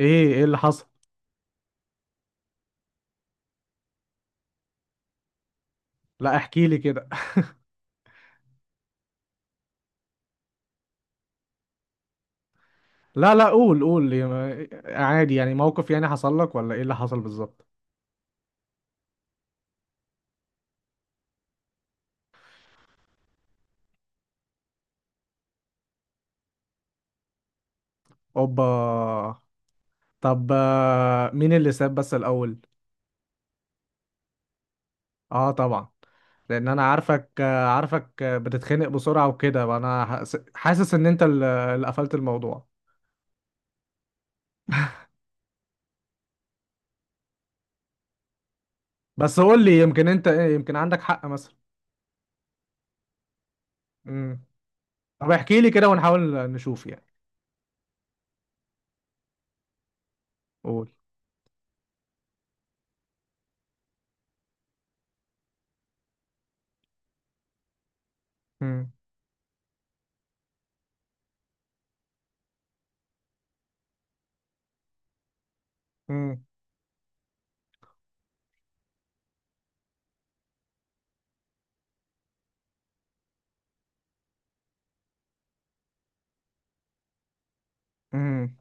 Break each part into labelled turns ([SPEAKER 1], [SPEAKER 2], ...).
[SPEAKER 1] ايه اللي حصل؟ لا، احكي لي كده. لا، لا، قول لي، عادي يعني، موقف يعني حصل لك ولا ايه اللي حصل بالظبط؟ اوبا. طب، مين اللي ساب بس الاول؟ اه، طبعا. لان انا عارفك، بتتخنق بسرعة وكده، انا حاسس ان انت اللي قفلت الموضوع. بس قول لي، يمكن انت ايه، يمكن عندك حق مثلا. امم. طب، احكي لي كده ونحاول نشوف يعني. قول. امم، امم،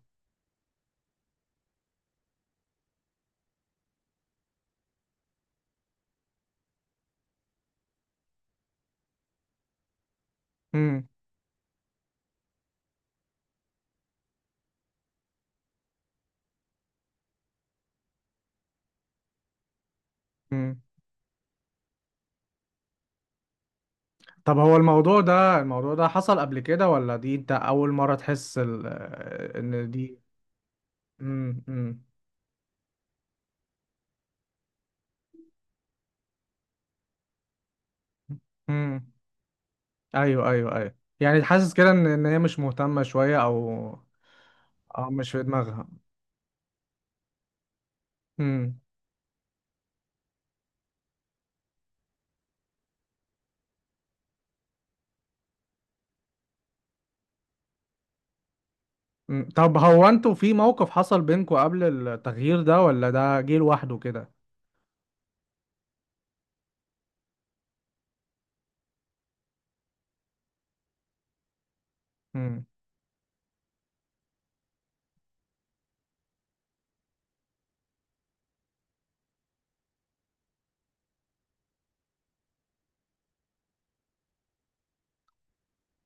[SPEAKER 1] امم. طب، هو الموضوع ده حصل قبل كده، ولا دي انت اول مرة تحس ال... آه، ان دي؟ امم، امم. امم. ايوه، ايوه، ايوه، يعني حاسس كده ان هي مش مهتمة شوية، او او مش في دماغها. امم. أمم. طب، هو انتوا في موقف حصل بينكوا قبل التغيير ده، ولا ده جه لوحده كده؟ امم.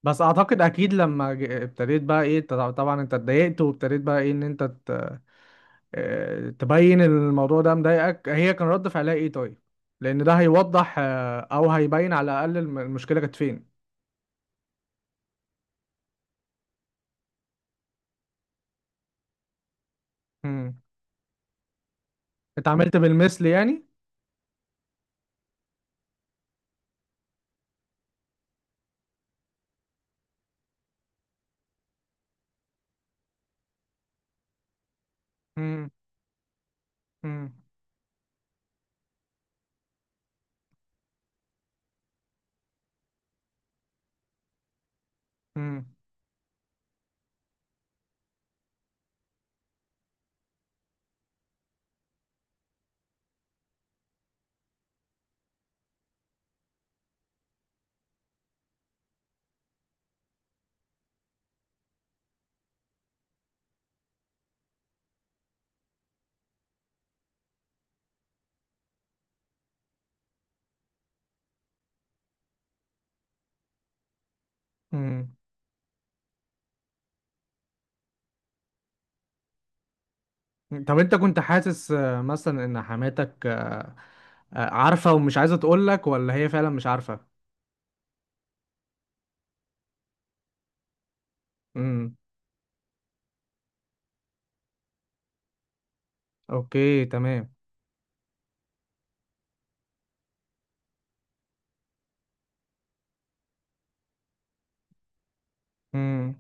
[SPEAKER 1] بس اعتقد اكيد لما ابتديت بقى ايه، طبعا انت اتضايقت وابتديت بقى ايه ان انت تبين الموضوع ده مضايقك، هي كان رد فعلها ايه طيب؟ لان ده هيوضح، او هيبين على الاقل المشكله كانت فين. امم. اتعاملت بالمثل يعني؟ امم، امم، امم، امم. طب، انت كنت حاسس مثلا ان حماتك عارفه ومش عايزه تقول لك، ولا هي فعلا مش عارفه؟ امم. اوكي، تمام. امم.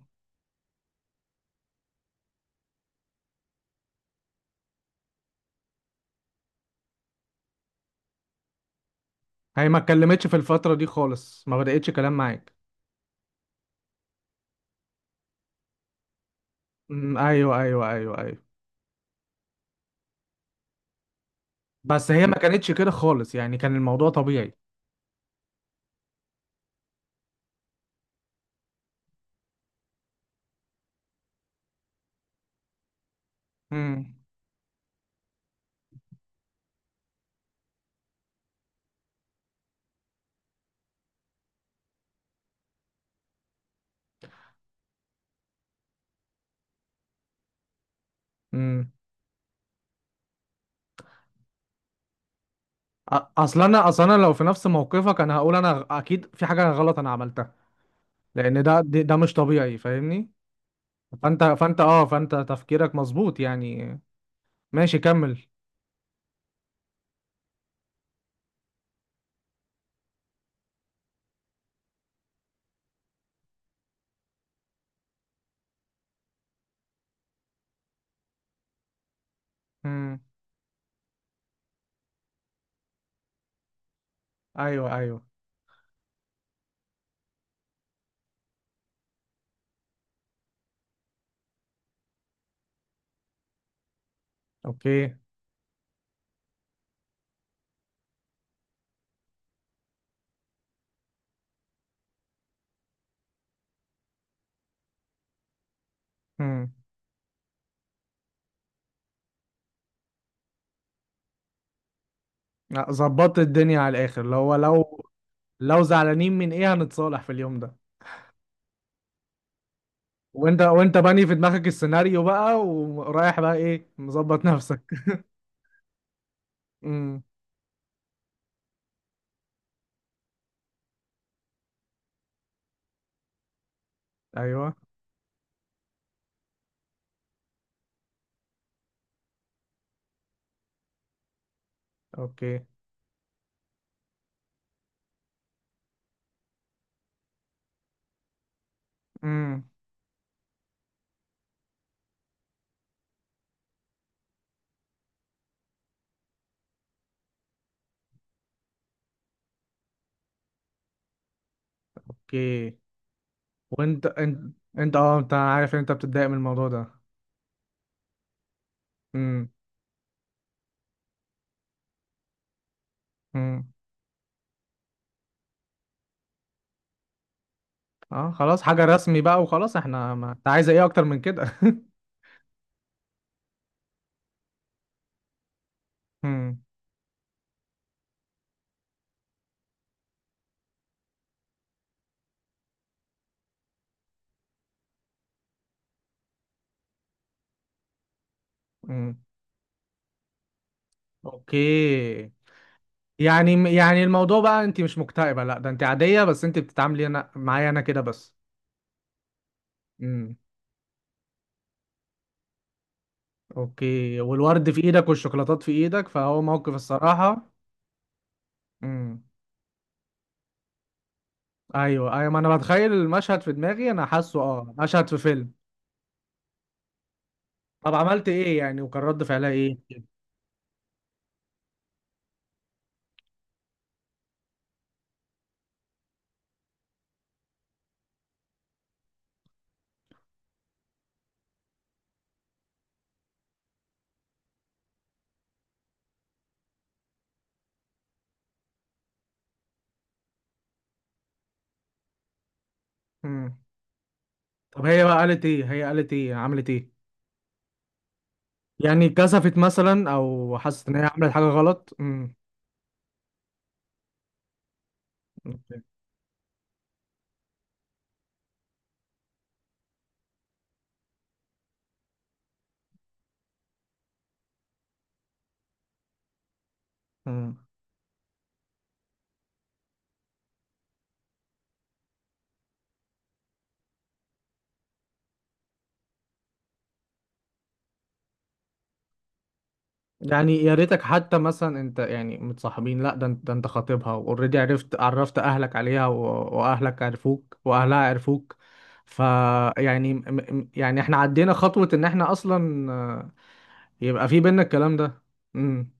[SPEAKER 1] هي ما اتكلمتش في الفتره دي خالص، ما بدأتش كلام معاك؟ امم. ايوه، ايوه، ايوه، ايوه. بس هي ما كانتش كده خالص، يعني كان الموضوع طبيعي. امم، امم. اصل انا لو في نفس موقفك، انا هقول انا اكيد في حاجه غلط انا عملتها. لان ده مش طبيعي، فاهمني. فانت تفكيرك مظبوط يعني. ماشي، كمل. امم. ايوه، ايوه. اوكي. امم. لا، ظبطت الدنيا على الاخر، اللي هو لو زعلانين من ايه، هنتصالح في اليوم ده. وانت باني في دماغك السيناريو بقى، ورايح بقى ايه مظبط نفسك. امم. ايوه. اوكي. امم. اوكي. وانت انت انت اه انت عارف ان انت بتتضايق من الموضوع ده. امم، امم. اه، خلاص حاجة رسمي بقى وخلاص احنا، ما انت عايز ايه اكتر من كده؟ امم. امم. اوكي. يعني الموضوع بقى، انت مش مكتئبة، لا ده انت عادية، بس انت بتتعاملي انا معايا انا كده بس. امم. اوكي، والورد في ايدك والشوكولاتات في ايدك، فهو موقف الصراحة. امم. ايوه، ايوه، ما انا بتخيل المشهد في دماغي، انا حاسه مشهد في فيلم. طب، عملت ايه يعني، وكان رد فعلها ايه؟ امم. طب، هي بقى قالت ايه؟ هي قالت ايه، عملت ايه؟ يعني كسفت مثلا، او حست ان هي عملت حاجه غلط؟ امم. أوكي. أمم. يعني يا ريتك حتى مثلا انت يعني متصاحبين، لا ده انت خاطبها واوريدي، عرفت اهلك عليها واهلك عرفوك واهلها عرفوك. ف يعني يعني احنا عدينا خطوه ان احنا اصلا، يبقى في بينا الكلام ده. امم.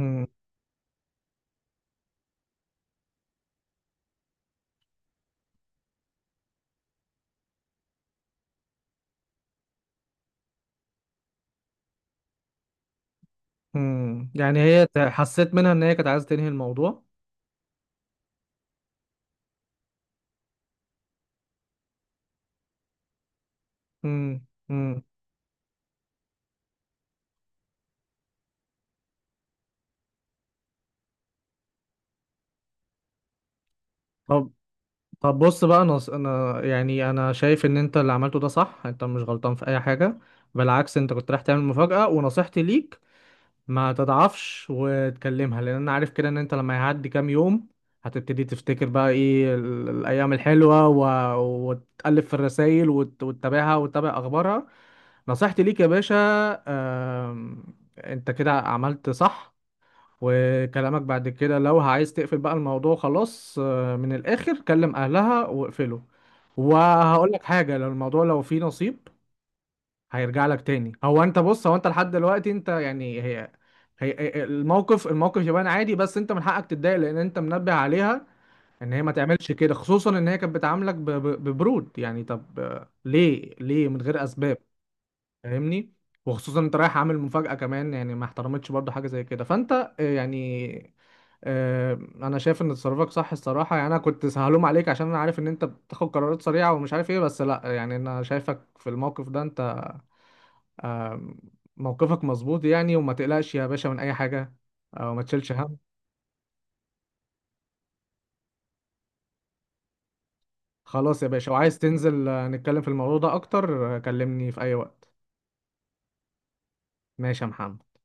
[SPEAKER 1] أمم. أمم. يعني هي حسيت منها ان هي كانت عايزه تنهي الموضوع. امم. أمم. طب، بص بقى، انا يعني انا شايف ان انت اللي عملته ده صح، انت مش غلطان في اي حاجه. بالعكس، انت كنت رايح تعمل مفاجاه. ونصيحتي ليك، ما تضعفش وتكلمها، لان انا عارف كده ان انت لما يعدي كام يوم هتبتدي تفتكر بقى ايه الايام الحلوه، وتقلب في الرسائل وتتابعها وتتابع اخبارها. نصيحتي ليك يا باشا. آم... انت كده عملت صح. وكلامك بعد كده لو عايز تقفل بقى الموضوع خلاص، من الآخر كلم أهلها واقفله. وهقول لك حاجة، لو فيه نصيب هيرجع لك تاني. هو انت، بص، هو انت لحد دلوقتي انت يعني هي، الموقف يبان عادي، بس انت من حقك تتضايق لان انت منبه عليها ان هي ما تعملش كده، خصوصا ان هي كانت بتعاملك ببرود يعني، طب ليه من غير اسباب؟ فاهمني. وخصوصا انت رايح عامل مفاجأة كمان، يعني ما احترمتش برضه حاجة زي كده، فانت يعني انا شايف ان تصرفك صح الصراحه يعني، انا كنت سهلوم عليك عشان انا عارف ان انت بتاخد قرارات سريعه ومش عارف ايه، بس لا يعني انا شايفك في الموقف ده انت، آم، موقفك مظبوط يعني، وما تقلقش يا باشا من اي حاجه، او ما تشيلش هم. خلاص يا باشا، وعايز تنزل نتكلم في الموضوع ده اكتر، كلمني في اي وقت. ماشي يا محمد.